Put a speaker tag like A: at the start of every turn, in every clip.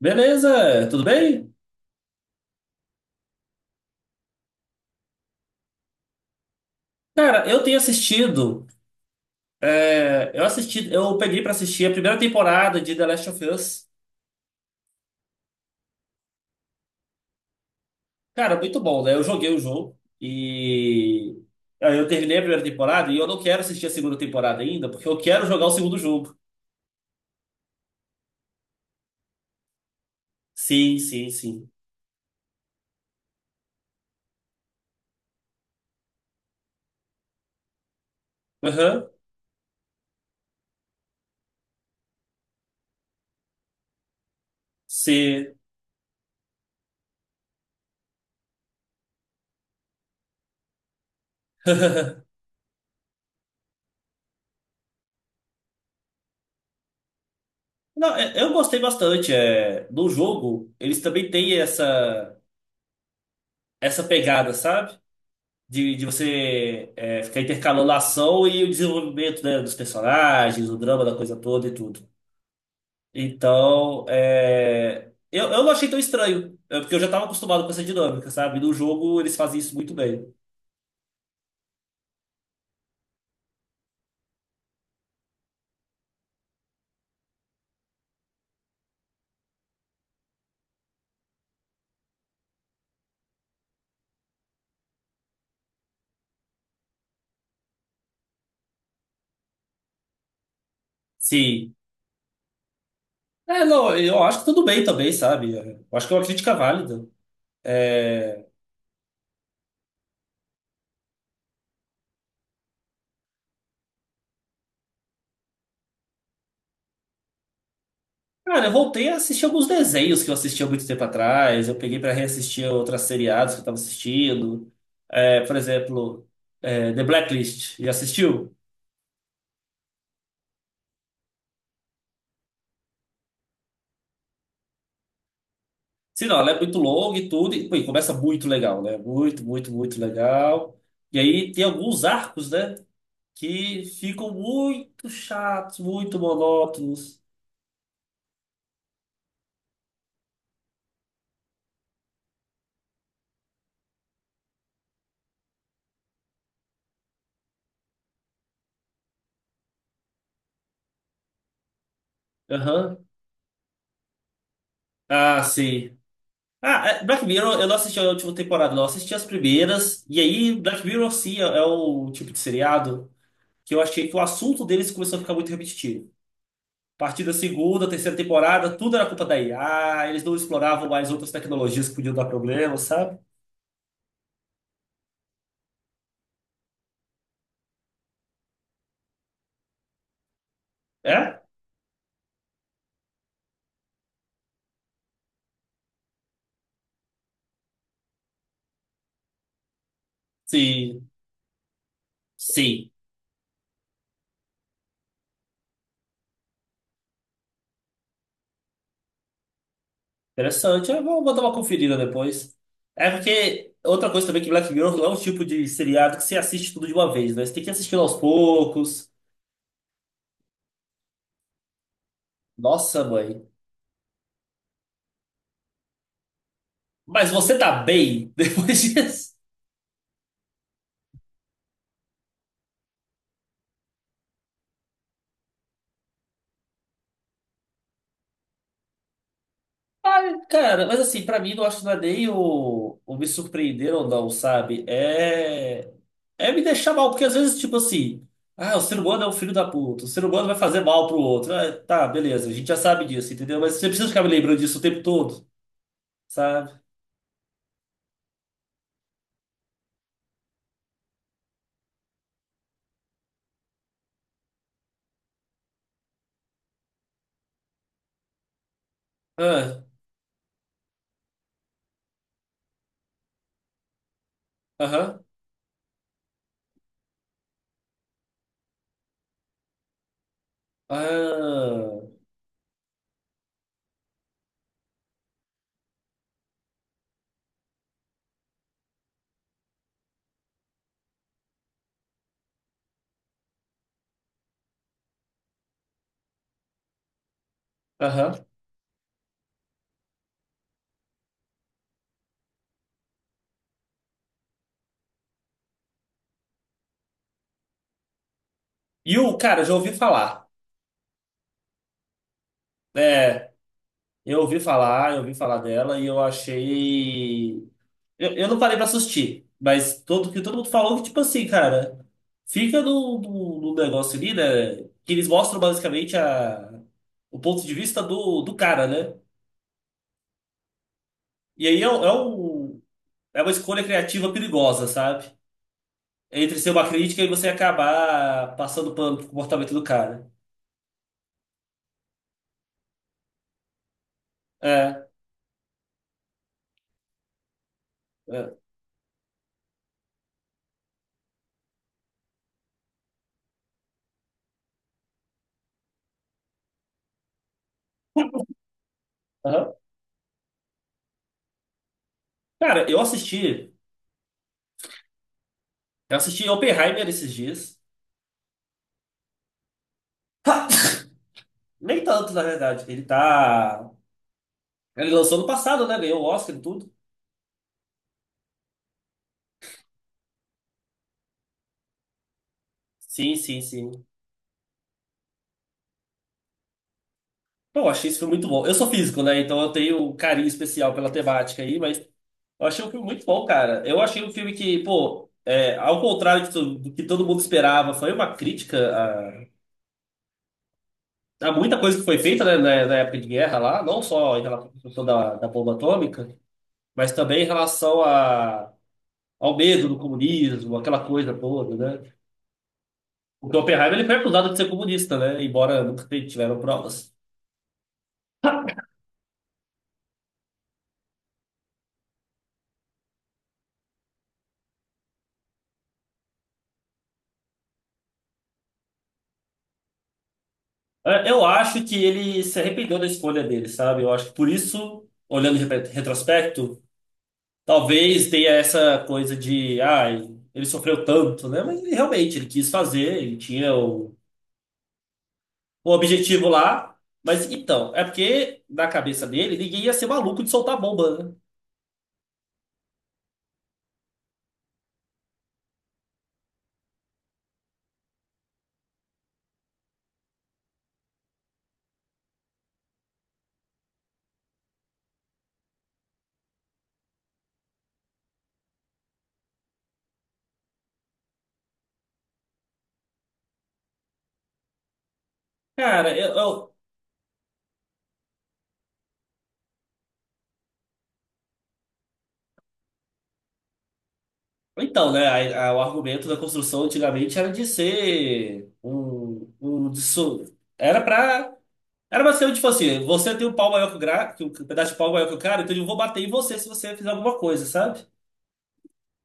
A: Beleza, tudo bem? Cara, eu tenho assistido. Eu peguei pra assistir a primeira temporada de The Last of Us. Cara, muito bom, né? Eu joguei o jogo e aí eu terminei a primeira temporada e eu não quero assistir a segunda temporada ainda, porque eu quero jogar o segundo jogo. Sim, sim, sim. Aham. Sim. Não, eu gostei bastante. É, no jogo, eles também têm essa pegada, sabe? De você ficar intercalando a ação e o desenvolvimento, né, dos personagens, o drama da coisa toda e tudo. Então, eu não achei tão estranho, porque eu já estava acostumado com essa dinâmica, sabe? No jogo eles fazem isso muito bem. Sim. É, não, eu acho que tudo bem também, sabe? É, eu acho que é uma crítica válida. É, cara, eu voltei a assistir alguns desenhos que eu assistia muito tempo atrás. Eu peguei para reassistir outras seriados que eu estava assistindo. É, por exemplo, The Blacklist. Já assistiu? Sim, não, ela é muito longa e tudo. E, pô, e começa muito legal, né? Muito, muito, muito legal. E aí tem alguns arcos, né? Que ficam muito chatos, muito monótonos. Aham. Ah, sim. Ah, Black Mirror, eu não assisti a última temporada, não. Eu assisti as primeiras. E aí, Black Mirror, sim, é o tipo de seriado que eu achei que o assunto deles começou a ficar muito repetitivo. A partir da segunda, terceira temporada, tudo era culpa da IA. Eles não exploravam mais outras tecnologias que podiam dar problema, sabe? É? Sim. Sim, interessante. Eu vou dar uma conferida depois. É porque outra coisa também que Black Mirror não é um tipo de seriado que você assiste tudo de uma vez, né? Você tem que assistir aos poucos. Nossa, mãe. Mas você tá bem depois disso? Cara, mas assim, pra mim, não acho que não é nem o me surpreender ou não, sabe? É, é me deixar mal, porque às vezes, tipo assim, ah, o ser humano é um filho da puta, o ser humano vai fazer mal pro outro. Ah, tá, beleza, a gente já sabe disso, entendeu? Mas você precisa ficar me lembrando disso o tempo todo, sabe? Ah, aham. Ah, aham. E o cara, eu já ouvi falar. É, eu ouvi falar dela e eu achei. Eu não parei pra assistir, mas todo mundo falou que, tipo assim, cara, fica no negócio ali, né? Que eles mostram basicamente o ponto de vista do cara, né? E aí é uma escolha criativa perigosa, sabe? Entre ser uma crítica e você acabar passando pano pro comportamento do cara. É. É. Aham. Cara, eu assisti Oppenheimer esses dias. Nem tanto, na verdade. Ele tá. Ele lançou no passado, né? Ganhou o Oscar e tudo. Sim, sim, sim. Pô, eu achei esse filme muito bom. Eu sou físico, né? Então eu tenho um carinho especial pela temática aí, mas eu achei um filme muito bom, cara. Eu achei um filme que, pô, ao contrário do que todo mundo esperava, foi uma crítica a muita coisa que foi feita, né, na época de guerra lá, não só em relação à questão da bomba atômica, mas também em relação a ao medo do comunismo, aquela coisa toda, né? Porque o Oppenheimer ele foi acusado de ser comunista, né? Embora nunca tiveram provas. É, eu acho que ele se arrependeu da escolha dele, sabe? Eu acho que por isso, olhando em retrospecto, talvez tenha essa coisa de, ah, ele sofreu tanto, né? Mas ele, realmente ele quis fazer, ele tinha o objetivo lá. Mas então, é porque na cabeça dele, ninguém ia ser maluco de soltar bomba, né? Cara, eu, eu- Então, né, o argumento da construção antigamente era de ser era pra era pra ser tipo assim, você tem um pau maior que um pedaço de pau maior que o cara, então eu vou bater em você se você fizer alguma coisa, sabe?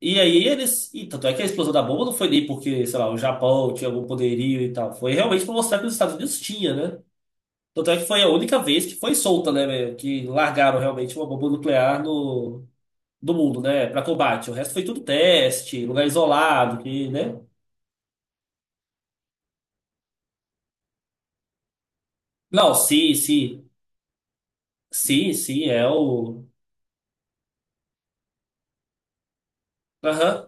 A: E tanto é que a explosão da bomba não foi nem porque, sei lá, o Japão tinha algum poderio e tal, foi realmente pra mostrar que os Estados Unidos tinha, né? Tanto é que foi a única vez que foi solta, né, velho, que largaram realmente uma bomba nuclear no do mundo, né, pra combate. O resto foi tudo teste, lugar isolado, que, né? Não, se é o. Aham,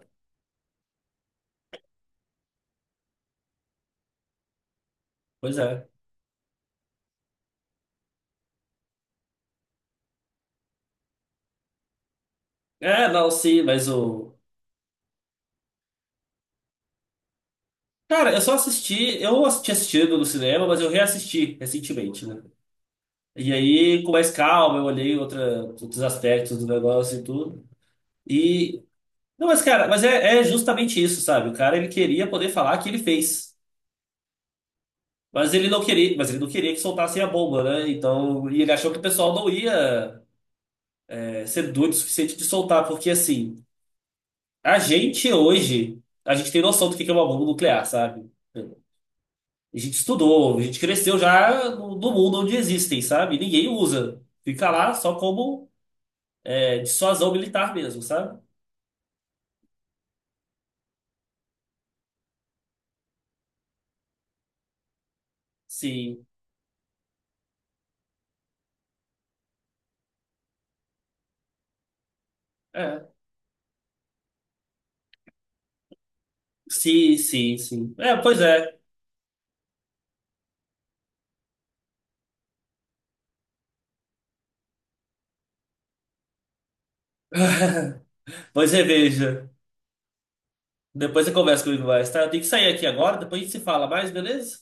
A: pois é. É, não, sim, mas o. Cara, eu só assisti, eu tinha assistido no cinema, mas eu reassisti recentemente, né? E aí, com mais calma, eu olhei outros aspectos do negócio e tudo. E. Não, mas, cara, mas é justamente isso, sabe? O cara, ele queria poder falar que ele fez. Mas ele não queria que soltassem a bomba, né? Então, e ele achou que o pessoal não ia, ser doido o suficiente de soltar, porque assim. A gente hoje, a gente tem noção do que é uma bomba nuclear, sabe? A gente estudou, a gente cresceu já no mundo onde existem, sabe? Ninguém usa. Fica lá só como dissuasão militar mesmo, sabe? Sim. É. Sim, sim, sim. É, pois é. Pois é, veja. Depois você conversa comigo mais, tá? Eu tenho que sair aqui agora, depois a gente se fala mais, beleza?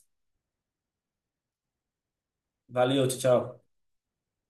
A: Valeu, tchau, tchau.